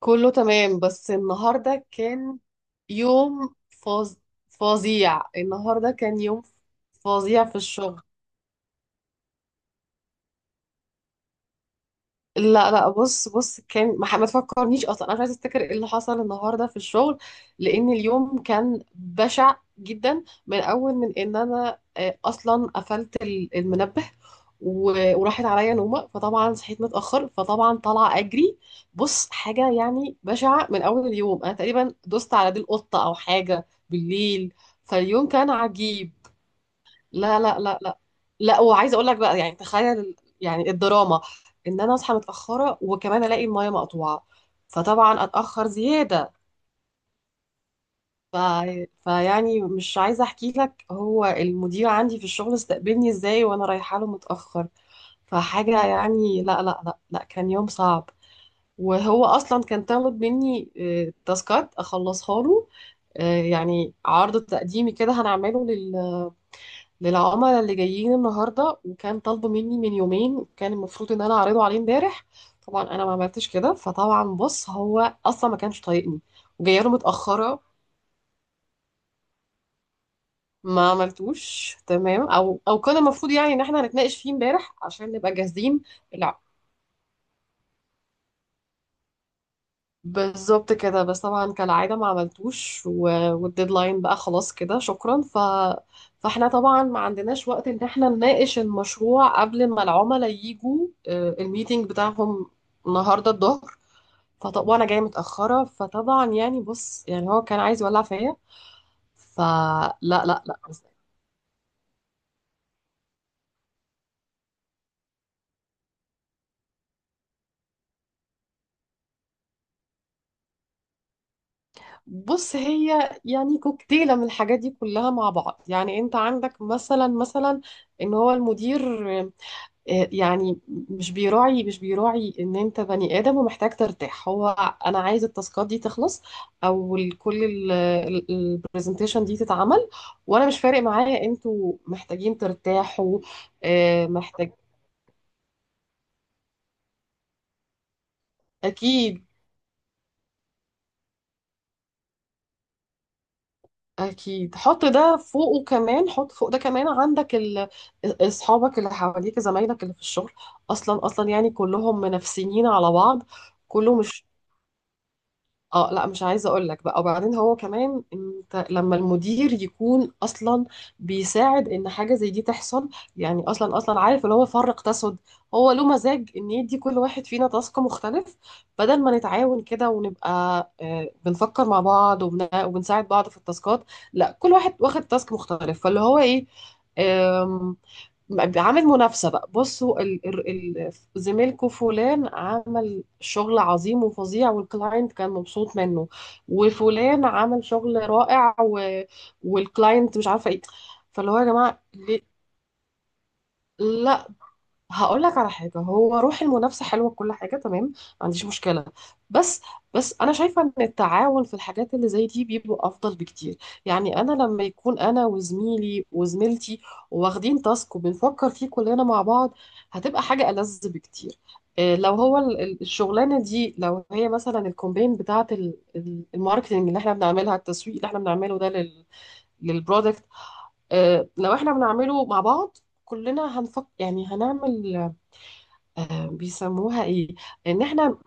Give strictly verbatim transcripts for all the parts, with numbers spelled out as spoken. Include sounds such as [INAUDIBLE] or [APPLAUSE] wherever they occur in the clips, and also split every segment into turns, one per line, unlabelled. كله تمام بس النهارده كان يوم فظ... فظيع. النهارده كان يوم فظيع في الشغل. لا لا، بص بص، كان ما ح- ما تفكرنيش اصلا، انا مش عايزه افتكر ايه اللي حصل النهارده في الشغل، لان اليوم كان بشع جدا من اول من ان انا آه، اصلا قفلت ال- المنبه و- وراحت عليا نومه، فطبعا صحيت متاخر، فطبعا طالعه اجري. بص حاجه يعني بشعه من اول اليوم، انا تقريبا دوست على دي القطه او حاجه بالليل، فاليوم كان عجيب. لا لا لا لا، لا وعايزه اقول لك بقى، يعني تخيل ال- يعني الدراما ان انا اصحى متاخره وكمان الاقي المايه مقطوعه، فطبعا اتاخر زياده. ف... فيعني مش عايزه احكي لك هو المدير عندي في الشغل استقبلني ازاي وانا رايحه له متاخر. فحاجه يعني، لا لا لا لا، كان يوم صعب. وهو اصلا كان طالب مني آه، تاسكات اخلصها له، آه، يعني عرض تقديمي كده هنعمله للعملاء اللي جايين النهارده، وكان طالبه مني من يومين، كان المفروض ان انا اعرضه عليه امبارح. طبعا انا ما عملتش كده، فطبعا بص هو اصلا ما كانش طايقني وجايه له متاخره. ما عملتوش، تمام، او او كان المفروض يعني ان احنا هنتناقش فيه امبارح عشان نبقى جاهزين. بالظبط كده، بس طبعا كالعادة ما عملتوش، و... والديدلاين بقى خلاص كده، شكرا. ف... فاحنا طبعا ما عندناش وقت ان احنا نناقش المشروع قبل ما العملاء يجوا، آه، الميتينج بتاعهم النهاردة الظهر. فطب وانا جاية متأخرة، فطبعا يعني بص يعني هو كان عايز يولع فيا. فلا لا لا لا. بص هي يعني كوكتيلة من الحاجات دي كلها مع بعض. يعني انت عندك مثلا، مثلا ان هو المدير آه، يعني مش بيراعي، مش بيراعي ان انت بني ادم ومحتاج ترتاح. هو انا عايز التاسكات دي تخلص، او ال- كل البرزنتيشن دي تتعمل، وانا مش فارق معايا انتوا محتاجين ترتاحوا. آه، محتاج. اكيد اكيد، حط ده فوقه كمان، حط فوق ده كمان، عندك ال- اصحابك اللي حواليك، زمايلك اللي في الشغل اصلا اصلا يعني كلهم منافسين على بعض. كله مش، اه لا مش عايزه اقول لك بقى. وبعدين هو كمان، انت لما المدير يكون اصلا بيساعد ان حاجه زي دي تحصل، يعني اصلا اصلا عارف اللي هو فرق تسد. هو له مزاج ان يدي كل واحد فينا تاسك مختلف بدل ما نتعاون كده ونبقى آه، بنفكر مع بعض وبن- وبنساعد بعض في التاسكات. لا كل واحد واخد تاسك مختلف، فاللي هو ايه، عامل منافسة بقى. بصوا ال... ال... ال... زميلكوا فلان عمل شغل عظيم وفظيع والكلاينت كان مبسوط منه، وفلان عمل شغل رائع و... والكلاينت مش عارفة ايه. فاللي هو يا جماعة ليه؟ لا، هقول لك على حاجة، هو روح المنافسة حلوة، كل حاجة تمام، ما عنديش مشكلة، بس بس أنا شايفة إن التعاون في الحاجات اللي زي دي بيبقى أفضل بكتير. يعني أنا لما يكون أنا وزميلي وزميلتي واخدين تاسك وبنفكر فيه كلنا مع بعض، هتبقى حاجة ألذ بكتير. إيه، لو هو ال- ال- الشغلانة دي، لو هي مثلا الكومبين بتاعة ال- ال- الماركتينج اللي احنا بنعملها، التسويق اللي احنا بنعمله ده لل- للبرودكت، آه، لو احنا بنعمله مع بعض كلنا هنفك، يعني هنعمل، آه، بيسموها ايه، ان احنا.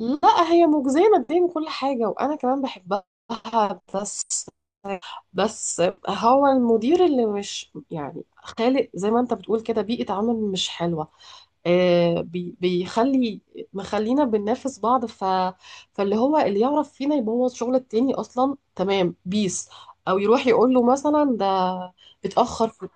لا هي مجزية ماديا وكل حاجة، وانا كمان بحبها، بس بس هو المدير اللي مش يعني خالق زي ما انت بتقول كده بيئة عمل مش حلوة. آه بي بيخلي، مخلينا بننافس بعض، ف فاللي هو اللي يعرف فينا يبوظ شغل التاني اصلا تمام، بيس او يروح يقول له مثلا ده اتأخر في.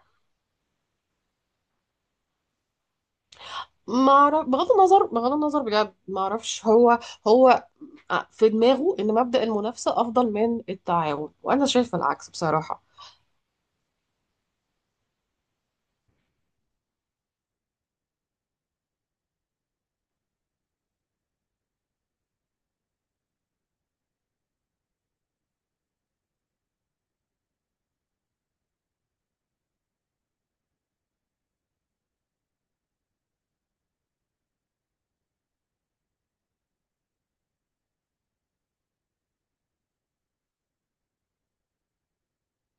ما اعرف، بغض النظر بغض النظر بجد ما اعرفش، هو هو آه، في دماغه ان مبدأ المنافسة افضل من التعاون، وانا شايفة العكس بصراحة.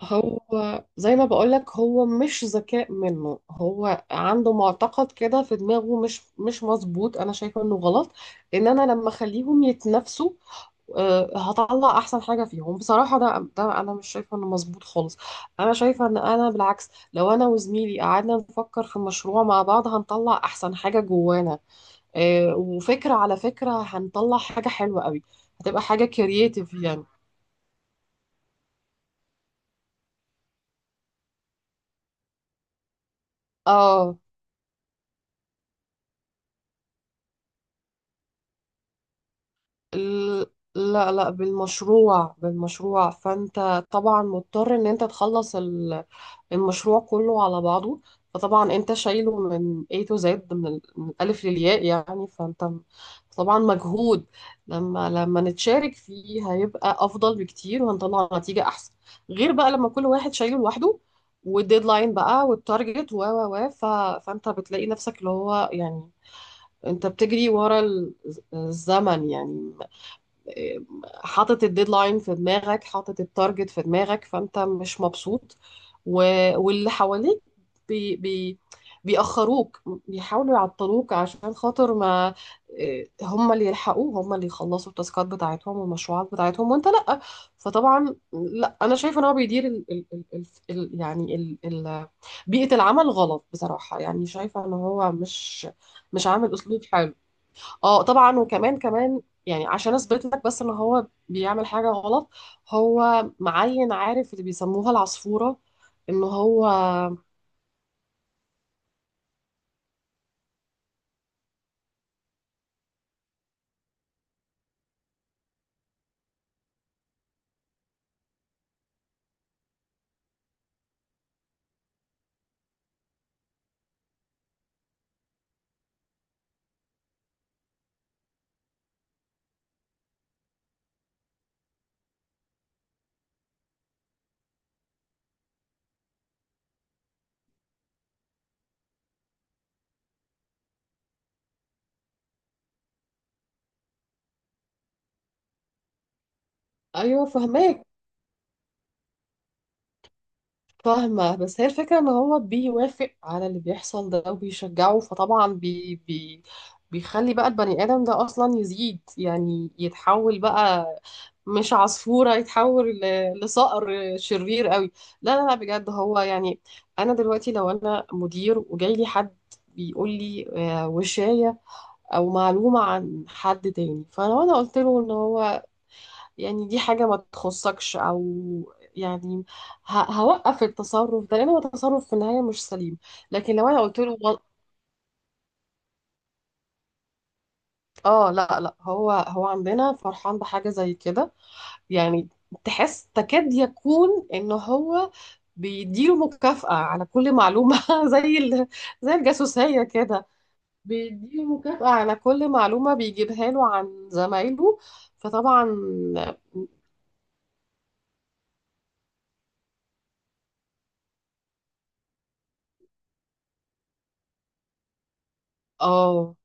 هو زي ما بقولك هو مش ذكاء منه، هو عنده معتقد كده في دماغه مش مش مظبوط، انا شايفة انه غلط. ان انا لما اخليهم يتنافسوا، آه، هطلع احسن حاجة فيهم. بصراحة ده ده انا مش شايفة انه مظبوط خالص. انا شايفة ان انا بالعكس لو انا وزميلي قعدنا نفكر في مشروع مع بعض هنطلع احسن حاجة جوانا، آه، وفكرة على فكرة هنطلع حاجة حلوة قوي، هتبقى حاجة كرييتيف يعني. اه ال- لا لا، بالمشروع بالمشروع، فانت طبعا مضطر ان انت تخلص المشروع كله على بعضه، فطبعا انت شايله من A to Z، من ال- من الألف للياء يعني، فانت م- طبعا مجهود. لما لما نتشارك فيه هيبقى أفضل بكتير وهنطلع نتيجة أحسن، غير بقى لما كل واحد شايله لوحده، والديدلاين بقى والتارجت و و و ف... فانت بتلاقي نفسك اللي هو يعني، انت بتجري ورا ال- الزمن يعني، حاطط الديدلاين في دماغك، حاطط التارجت في دماغك، فانت مش مبسوط، و... واللي حواليك بي... بي... بيأخروك، بيحاولوا يعطلوك عشان خاطر ما. إيه، هم اللي يلحقوه، هم اللي يخلصوا التاسكات بتاعتهم والمشروعات بتاعتهم وانت لأ. فطبعا لا انا شايفه ان هو بيدير ال... ال... ال... ال... ال- يعني ال... ال... بيئة العمل غلط بصراحة، يعني شايفة ان هو مش مش عامل اسلوب حلو. اه طبعا، وكمان كمان يعني عشان اثبت لك بس ان هو بيعمل حاجه غلط، هو معين عارف اللي بيسموها العصفوره ان هو. ايوه فهماك. فاهمة، بس هي الفكرة ان هو بيوافق على اللي بيحصل ده وبيشجعه، فطبعا بي بي بيخلي بقى البني آدم ده أصلا يزيد، يعني يتحول بقى مش عصفورة، يتحول ل- لصقر شرير قوي. لا لا لا بجد هو يعني، أنا دلوقتي لو أنا مدير وجاي لي حد بيقول لي آه، وشاية أو معلومة عن حد تاني، فلو أنا قلت له إن هو يعني دي حاجة ما تخصكش، أو يعني ه- هوقف التصرف ده لأن هو تصرف في النهاية مش سليم. لكن لو أنا قلت له وال- آه لا لا، هو هو عندنا فرحان بحاجة زي كده، يعني تحس تكاد يكون إن هو بيديله مكافأة على كل معلومة [LAUGHS] زي ال... زي الجاسوسية كده، بيديله مكافأة على كل معلومة بيجيبها له عن زمايله، فطبعا. اه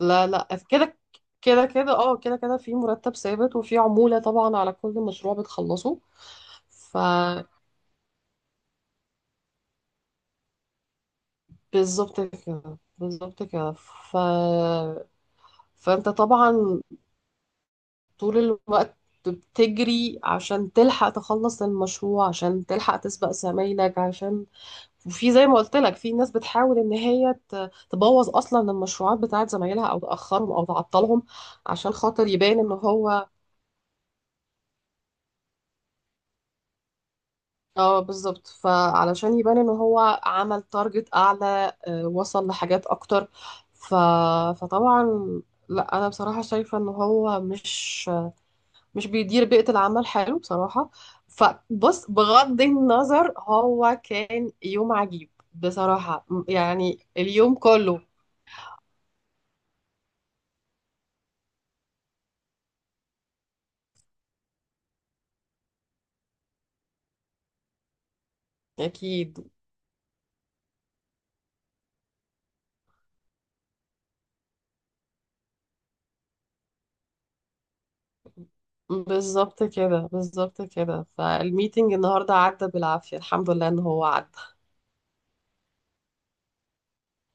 لا لا، كده كده، كده اه كده كده، في مرتب ثابت وفي عمولة طبعا على كل مشروع بتخلصه. فبالظبط كده، بالظبط كده، ف... فانت طبعا طول الوقت بتجري عشان تلحق تخلص المشروع، عشان تلحق تسبق زمايلك عشان. وفي زي ما قلت لك في ناس بتحاول ان هي ت- تبوظ اصلا المشروعات بتاعت زمايلها او تاخرهم او تعطلهم عشان خاطر يبان ان هو. اه بالظبط، فعلشان يبان ان هو عمل تارجت اعلى، آه، وصل لحاجات اكتر. ف... فطبعا لا انا بصراحه شايفه ان هو مش مش بيدير بيئه العمل حلو بصراحه. فبص بغض النظر هو كان يوم عجيب بصراحه، م- يعني اليوم كله. اكيد. بالظبط كده، بالظبط كده، فالميتنج النهارده عدى بالعافيه، الحمد لله ان هو عدى.